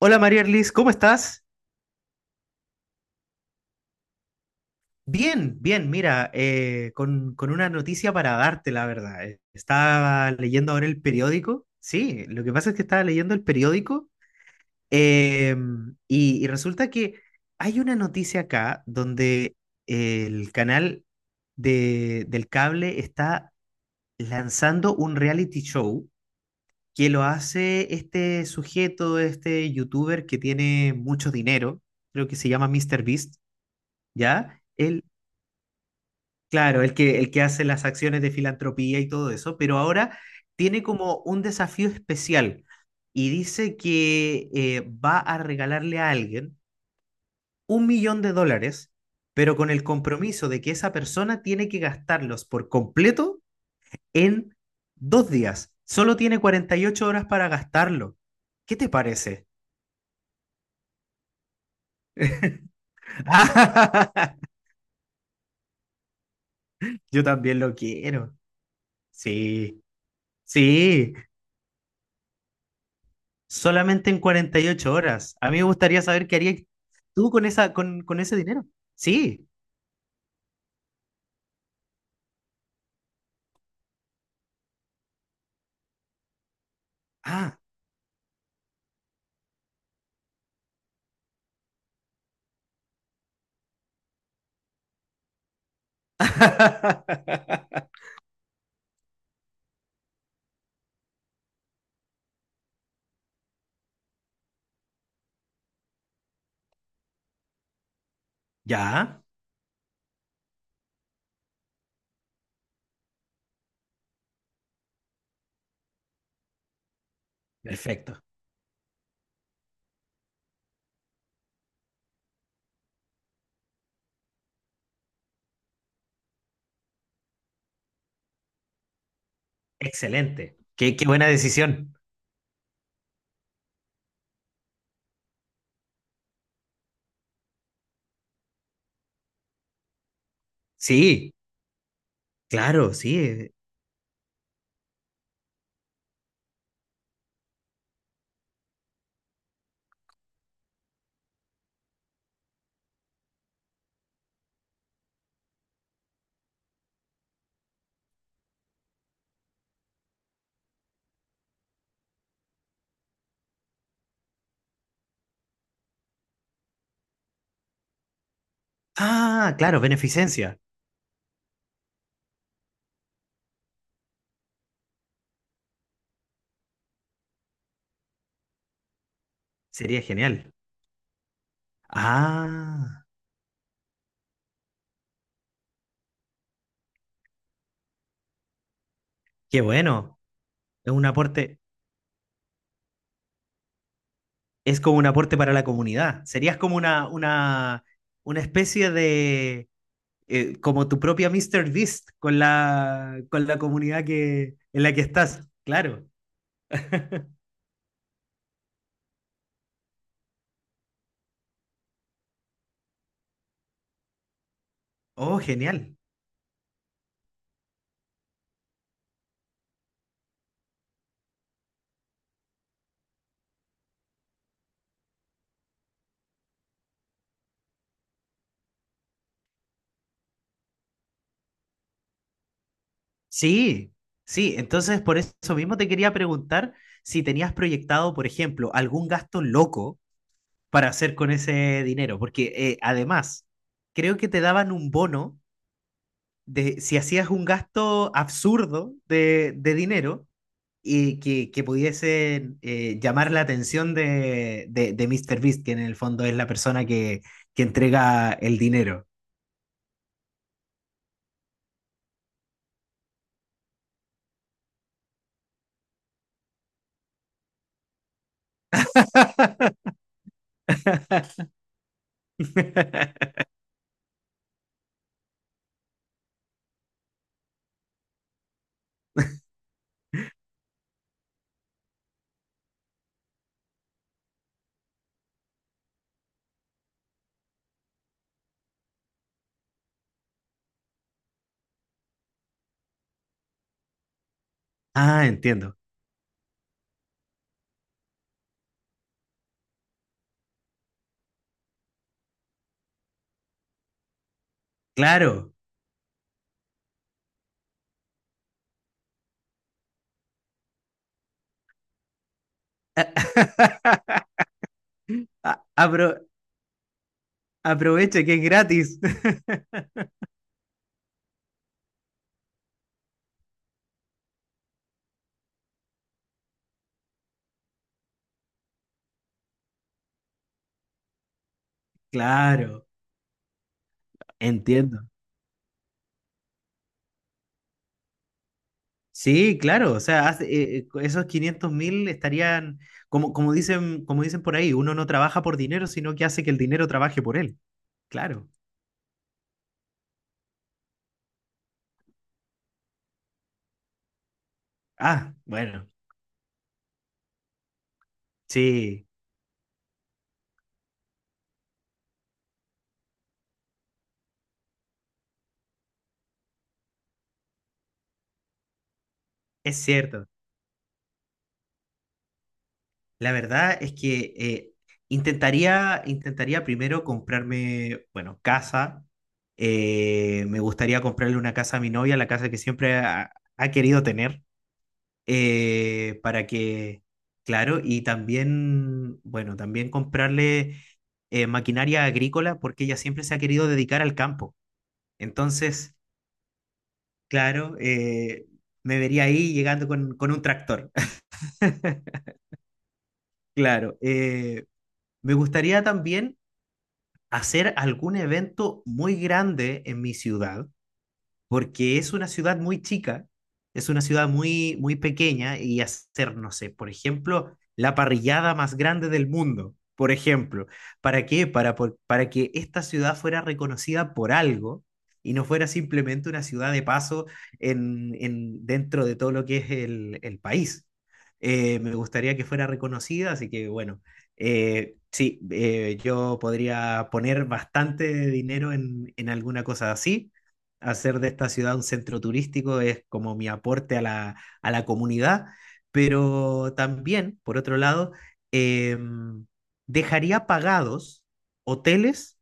Hola María Erlis, ¿cómo estás? Bien, bien, mira, con una noticia para darte, la verdad. Estaba leyendo ahora el periódico, sí, lo que pasa es que estaba leyendo el periódico eh, y resulta que hay una noticia acá donde el canal del cable está lanzando un reality show que lo hace este sujeto, este youtuber que tiene mucho dinero, creo que se llama Mr. Beast. ¿Ya? Él, claro, el que hace las acciones de filantropía y todo eso, pero ahora tiene como un desafío especial y dice que va a regalarle a alguien un millón de dólares, pero con el compromiso de que esa persona tiene que gastarlos por completo en dos días. Solo tiene 48 horas para gastarlo. ¿Qué te parece? Yo también lo quiero. Sí, sí. Solamente en 48 horas. A mí me gustaría saber qué harías tú con con ese dinero. Sí. Ah. Ya. Perfecto. Excelente. Qué, qué buena decisión. Sí, claro, sí. Eh. Ah, claro, beneficencia. Sería genial. Ah, qué bueno. Es un aporte, es como un aporte para la comunidad. Serías como una especie de como tu propia Mr. Beast con la comunidad en la que estás. Claro. Oh, genial. Sí, sí. Entonces, por eso mismo te quería preguntar si tenías proyectado, por ejemplo, algún gasto loco para hacer con ese dinero, porque además, creo que te daban un bono de si hacías un gasto absurdo de dinero, y que pudiese llamar la atención de Mr. Beast, que en el fondo es la persona que entrega el dinero. Ah, entiendo. Claro. Apro- aproveche que es gratis. Claro, entiendo. Sí, claro, o sea, esos 500 mil estarían, como, como dicen por ahí, uno no trabaja por dinero, sino que hace que el dinero trabaje por él. Claro. Ah, bueno, sí, es cierto. La verdad es que intentaría primero comprarme, bueno, casa. Me gustaría comprarle una casa a mi novia, la casa que siempre ha querido tener, para que, claro, y también, bueno, también comprarle maquinaria agrícola porque ella siempre se ha querido dedicar al campo. Entonces, claro, me vería ahí llegando con un tractor. Claro, me gustaría también hacer algún evento muy grande en mi ciudad porque es una ciudad muy chica, es una ciudad muy pequeña y hacer, no sé, por ejemplo, la parrillada más grande del mundo, por ejemplo. ¿Para qué? Para que esta ciudad fuera reconocida por algo y no fuera simplemente una ciudad de paso dentro de todo lo que es el país. Me gustaría que fuera reconocida, así que bueno, sí, yo podría poner bastante dinero en alguna cosa así, hacer de esta ciudad un centro turístico, es como mi aporte a a la comunidad, pero también, por otro lado, eh, dejaría pagados hoteles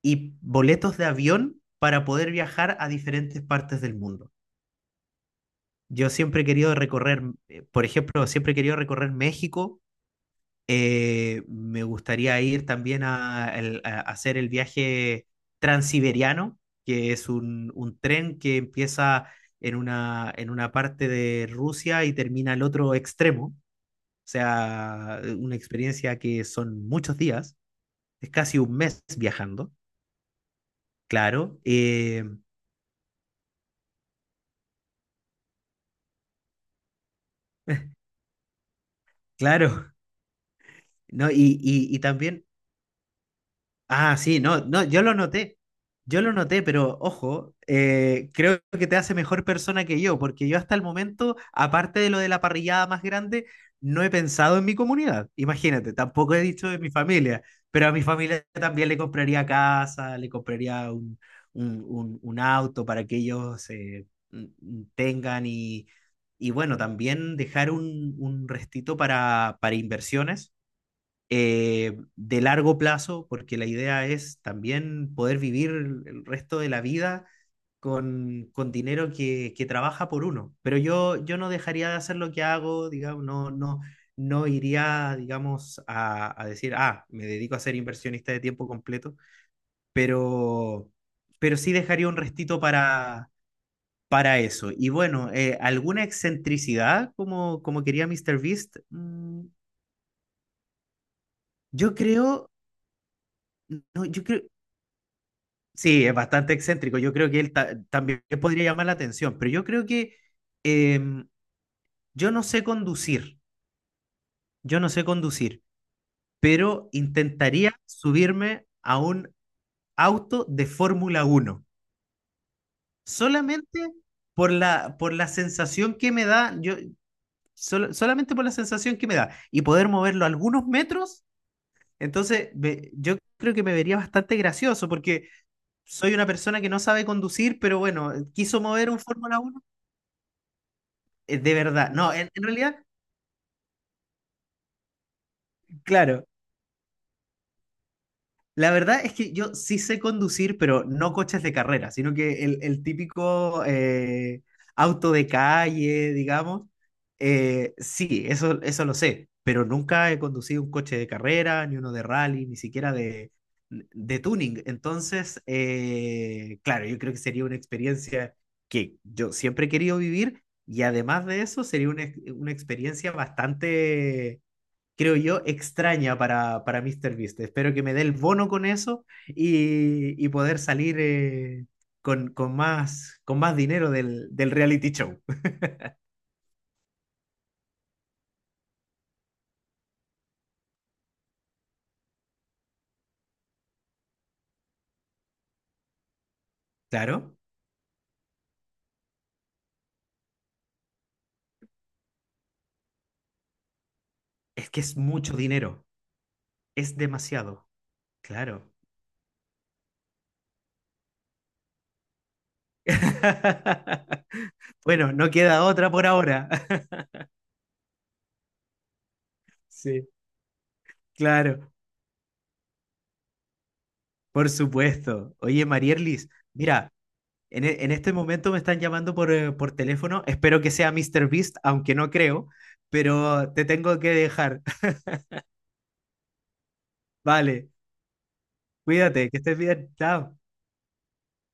y boletos de avión para poder viajar a diferentes partes del mundo. Yo siempre he querido recorrer, por ejemplo, siempre he querido recorrer México. Me gustaría ir también a hacer el viaje transiberiano, que es un tren que empieza en una parte de Rusia y termina al otro extremo. O sea, una experiencia que son muchos días, es casi un mes viajando, claro, claro, ¿no? Y también. Ah, sí, no, no, yo lo noté. Yo lo noté, pero ojo, creo que te hace mejor persona que yo, porque yo hasta el momento, aparte de lo de la parrillada más grande, no he pensado en mi comunidad. Imagínate, tampoco he dicho de mi familia, pero a mi familia también le compraría casa, le compraría un auto para que ellos tengan y bueno, también dejar un restito para inversiones de largo plazo, porque la idea es también poder vivir el resto de la vida con dinero que trabaja por uno. Pero yo no dejaría de hacer lo que hago, digamos, no, no iría, digamos, a decir, ah, me dedico a ser inversionista de tiempo completo, pero, pero sí dejaría un restito para... Para eso. Y bueno, ¿alguna excentricidad como, como quería Mr. Beast? Mm, yo creo, no, yo creo, sí, es bastante excéntrico. Yo creo que él también podría llamar la atención, pero yo creo que em, yo no sé conducir, yo no sé conducir, pero intentaría subirme a un auto de Fórmula uno, solamente por por la sensación que me da, yo, solamente por la sensación que me da, y poder moverlo algunos metros, entonces yo creo que me vería bastante gracioso, porque soy una persona que no sabe conducir, pero bueno, quiso mover un Fórmula. De verdad, no, en realidad, claro, la verdad es que yo sí sé conducir, pero no coches de carrera, sino que el típico auto de calle, digamos, sí, eso lo sé, pero nunca he conducido un coche de carrera, ni uno de rally, ni siquiera de tuning. Entonces, claro, yo creo que sería una experiencia que yo siempre he querido vivir y además de eso, sería una experiencia bastante, creo yo, extraña para MrBeast. Espero que me dé el bono con eso y poder salir con más dinero del reality show. Claro, es que es mucho dinero, es demasiado, claro. Bueno, no queda otra por ahora. Sí, claro, por supuesto. Oye, Marierlis, mira, en, en este momento me están llamando por teléfono. Espero que sea MrBeast, aunque no creo, pero te tengo que dejar. Vale, cuídate, que estés bien, chao.